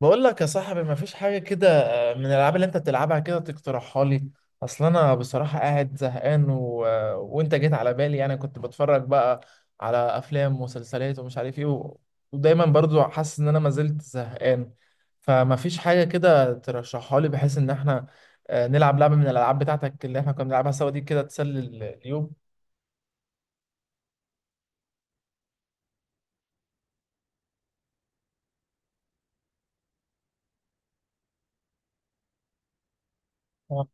بقول لك يا صاحبي مفيش حاجة كده. من الألعاب اللي أنت بتلعبها كده تقترحها لي. أصل أنا بصراحة قاعد زهقان و... آه، وأنت جيت على بالي، يعني كنت بتفرج بقى على أفلام ومسلسلات ومش عارف إيه ودايما برضو حاسس إن أنا ما زلت زهقان، فمفيش حاجة كده ترشحها لي بحيث إن إحنا نلعب لعبة من الألعاب بتاعتك اللي إحنا كنا بنلعبها سوا دي كده تسلي اليوم. آه،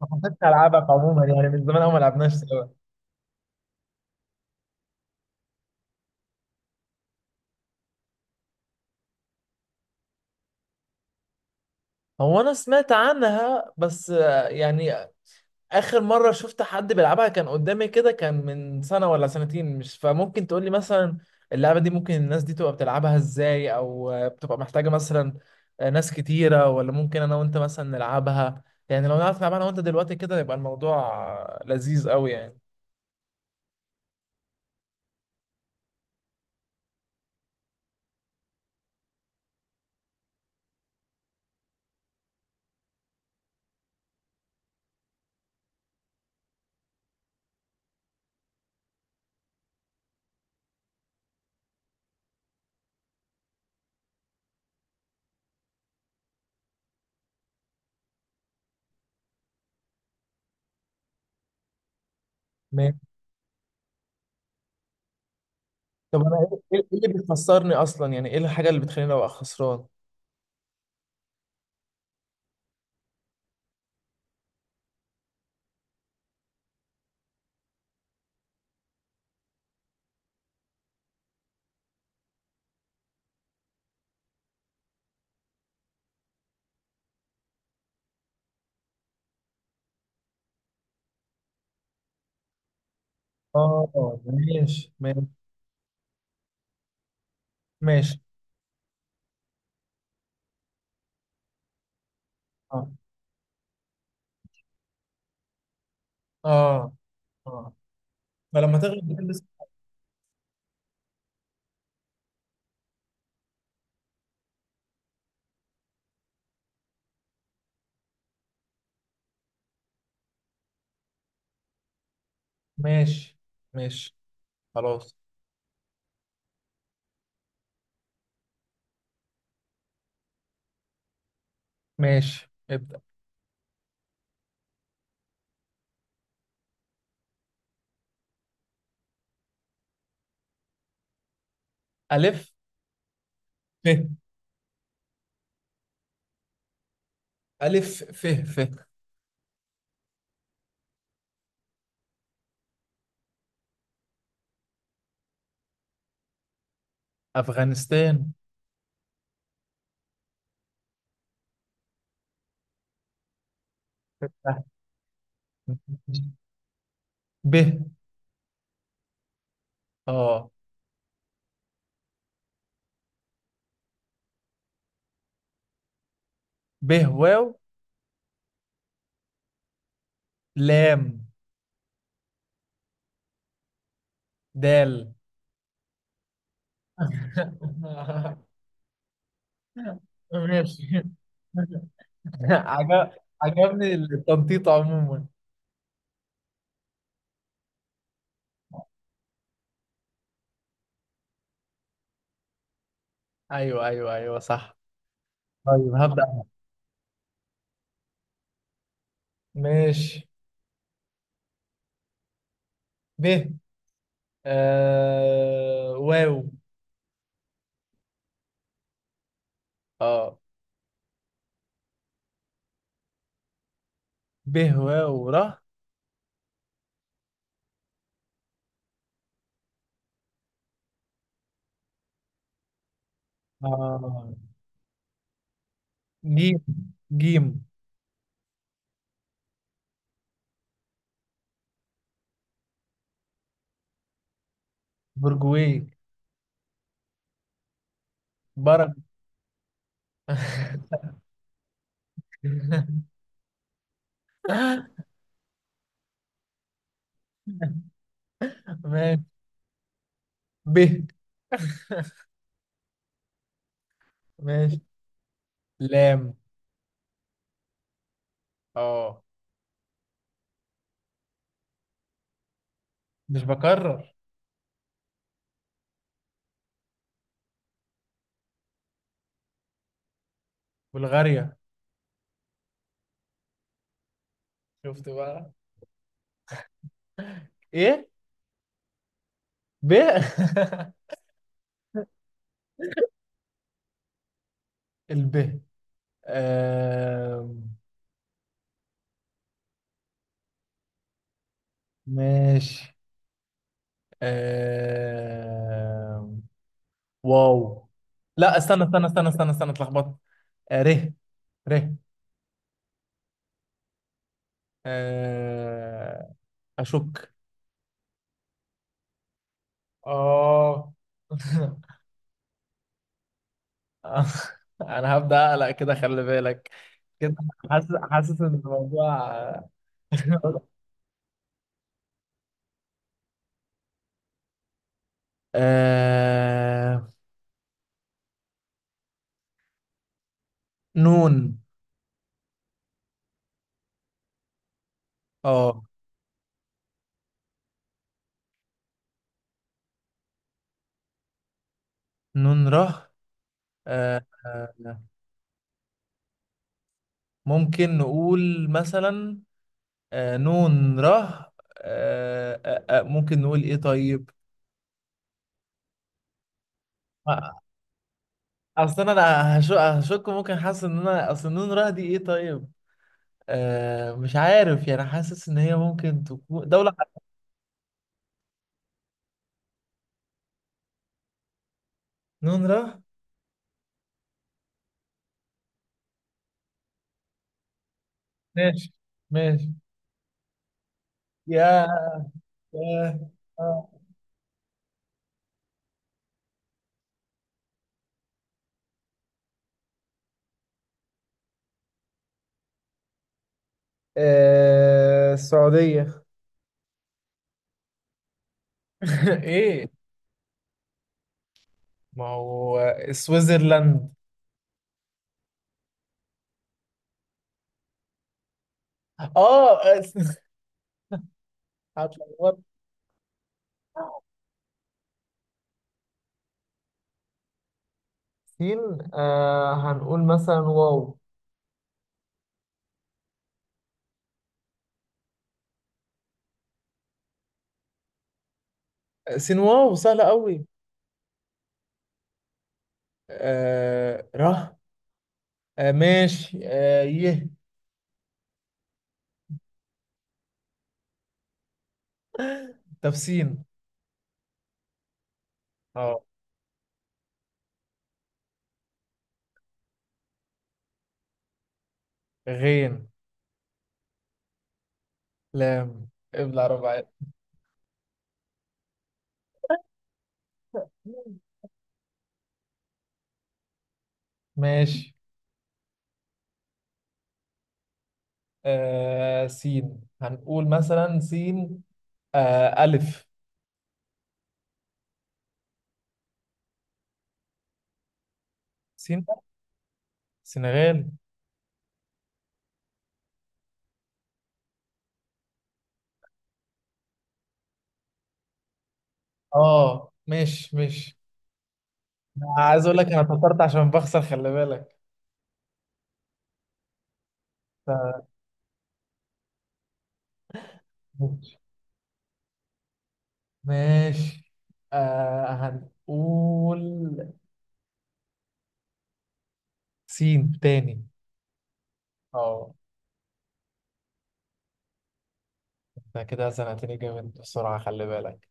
ما حبيتش ألعبك عموما، يعني من زمان أوي ما لعبناش سوا. هو أنا سمعت عنها، بس يعني اخر مره شفت حد بيلعبها كان قدامي كده، كان من سنه ولا سنتين، مش فممكن تقول لي مثلا اللعبه دي ممكن الناس دي تبقى بتلعبها ازاي، او بتبقى محتاجه مثلا ناس كتيره، ولا ممكن انا وانت مثلا نلعبها؟ يعني لو نعرف نلعبها انا وانت دلوقتي كده يبقى الموضوع لذيذ قوي يعني. ماشي. طب انا إيه اللي بيخسرني اصلا؟ يعني ايه الحاجه اللي بتخليني ابقى خسران؟ اه، ماشي، ماشي. ماشي. اه، اه، اه. فلما تغلب بتلبس. ماشي. ماشي. خلاص. ماشي، ابدأ. ألف ف. ألف ف ف. أفغانستان. ف. ب. اه. ب واو لام دال. ماشي. عجب عجبني التنطيط عموما. ايوه، ايوه، ايوه، صح. طيب هبدأ. ماشي. ب واو. اه. ب واو ر. آه. جيم. جيم. برجوي برج ماشي. ب. ماشي. لام. اه، مش بكرر. بلغاريا. شفت بقى؟ ايه. ب. الب. آم، ماشي. آم، واو. لا، استنى استنى استنى استنى استنى، اتلخبطت. ر. ر. آه، اشك. اه. انا هبدأ اقلق كده، خلي بالك. كده. حاسس حاسس ان الموضوع. آه... نون. اه، نون ره. آه... آه، ممكن نقول مثلا نون ره ممكن نقول ايه طيب؟ آه، اصلا انا هشك هشك ممكن، حاسس ان انا اصل نون ره دي ايه طيب؟ مش عارف، يعني حاسس ان هي ممكن تكون دولة. نون ره. ماشي. ماشي. يا. يا. آه. السعودية. ايه؟ ما هو سويسرلاند. اه. هتلخبط. سين. هنقول مثلا واو. سين واو سهلة قوي. ره. ماشي. يه. طب سين. اه، غين. لام ابلع ربع عين. ماشي. سين هنقول مثلا سين ألف. سين. سنغال. اه، ماشي، ماشي. عايز اقول لك انا فكرت عشان بخسر، خلي بالك. ف- ماشي. ماشي. هنقول سين تاني. اه. انت كده زنقتني جامد بسرعة، خلي بالك.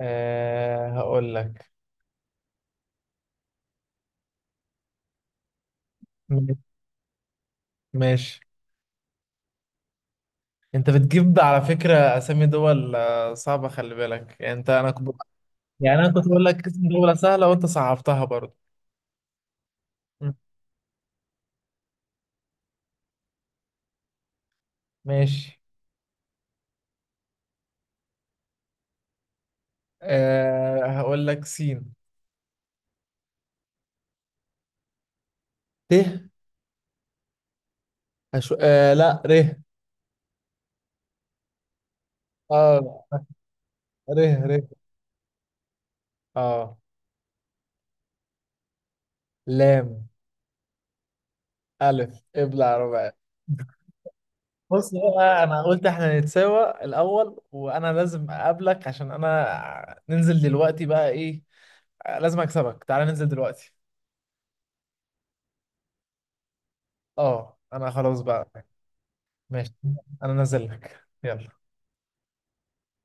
هقول لك. ماشي. انت بتجيب على فكرة اسامي دول صعبة، خلي بالك. يعني انت انا كنت يعني انا كنت بقول لك اسم دولة سهلة وانت صعبتها برضه. م. ماشي. هقول لك سين ت. أشو... آه لا، ر. اه، ر، ر. اه، لام ألف ابلع ربع. بص بقى، انا قلت احنا نتساوى الاول، وانا لازم اقابلك، عشان انا ننزل دلوقتي بقى ايه. لازم اكسبك، تعالى ننزل دلوقتي. اه، انا خلاص بقى. ماشي، انا نازل لك، يلا.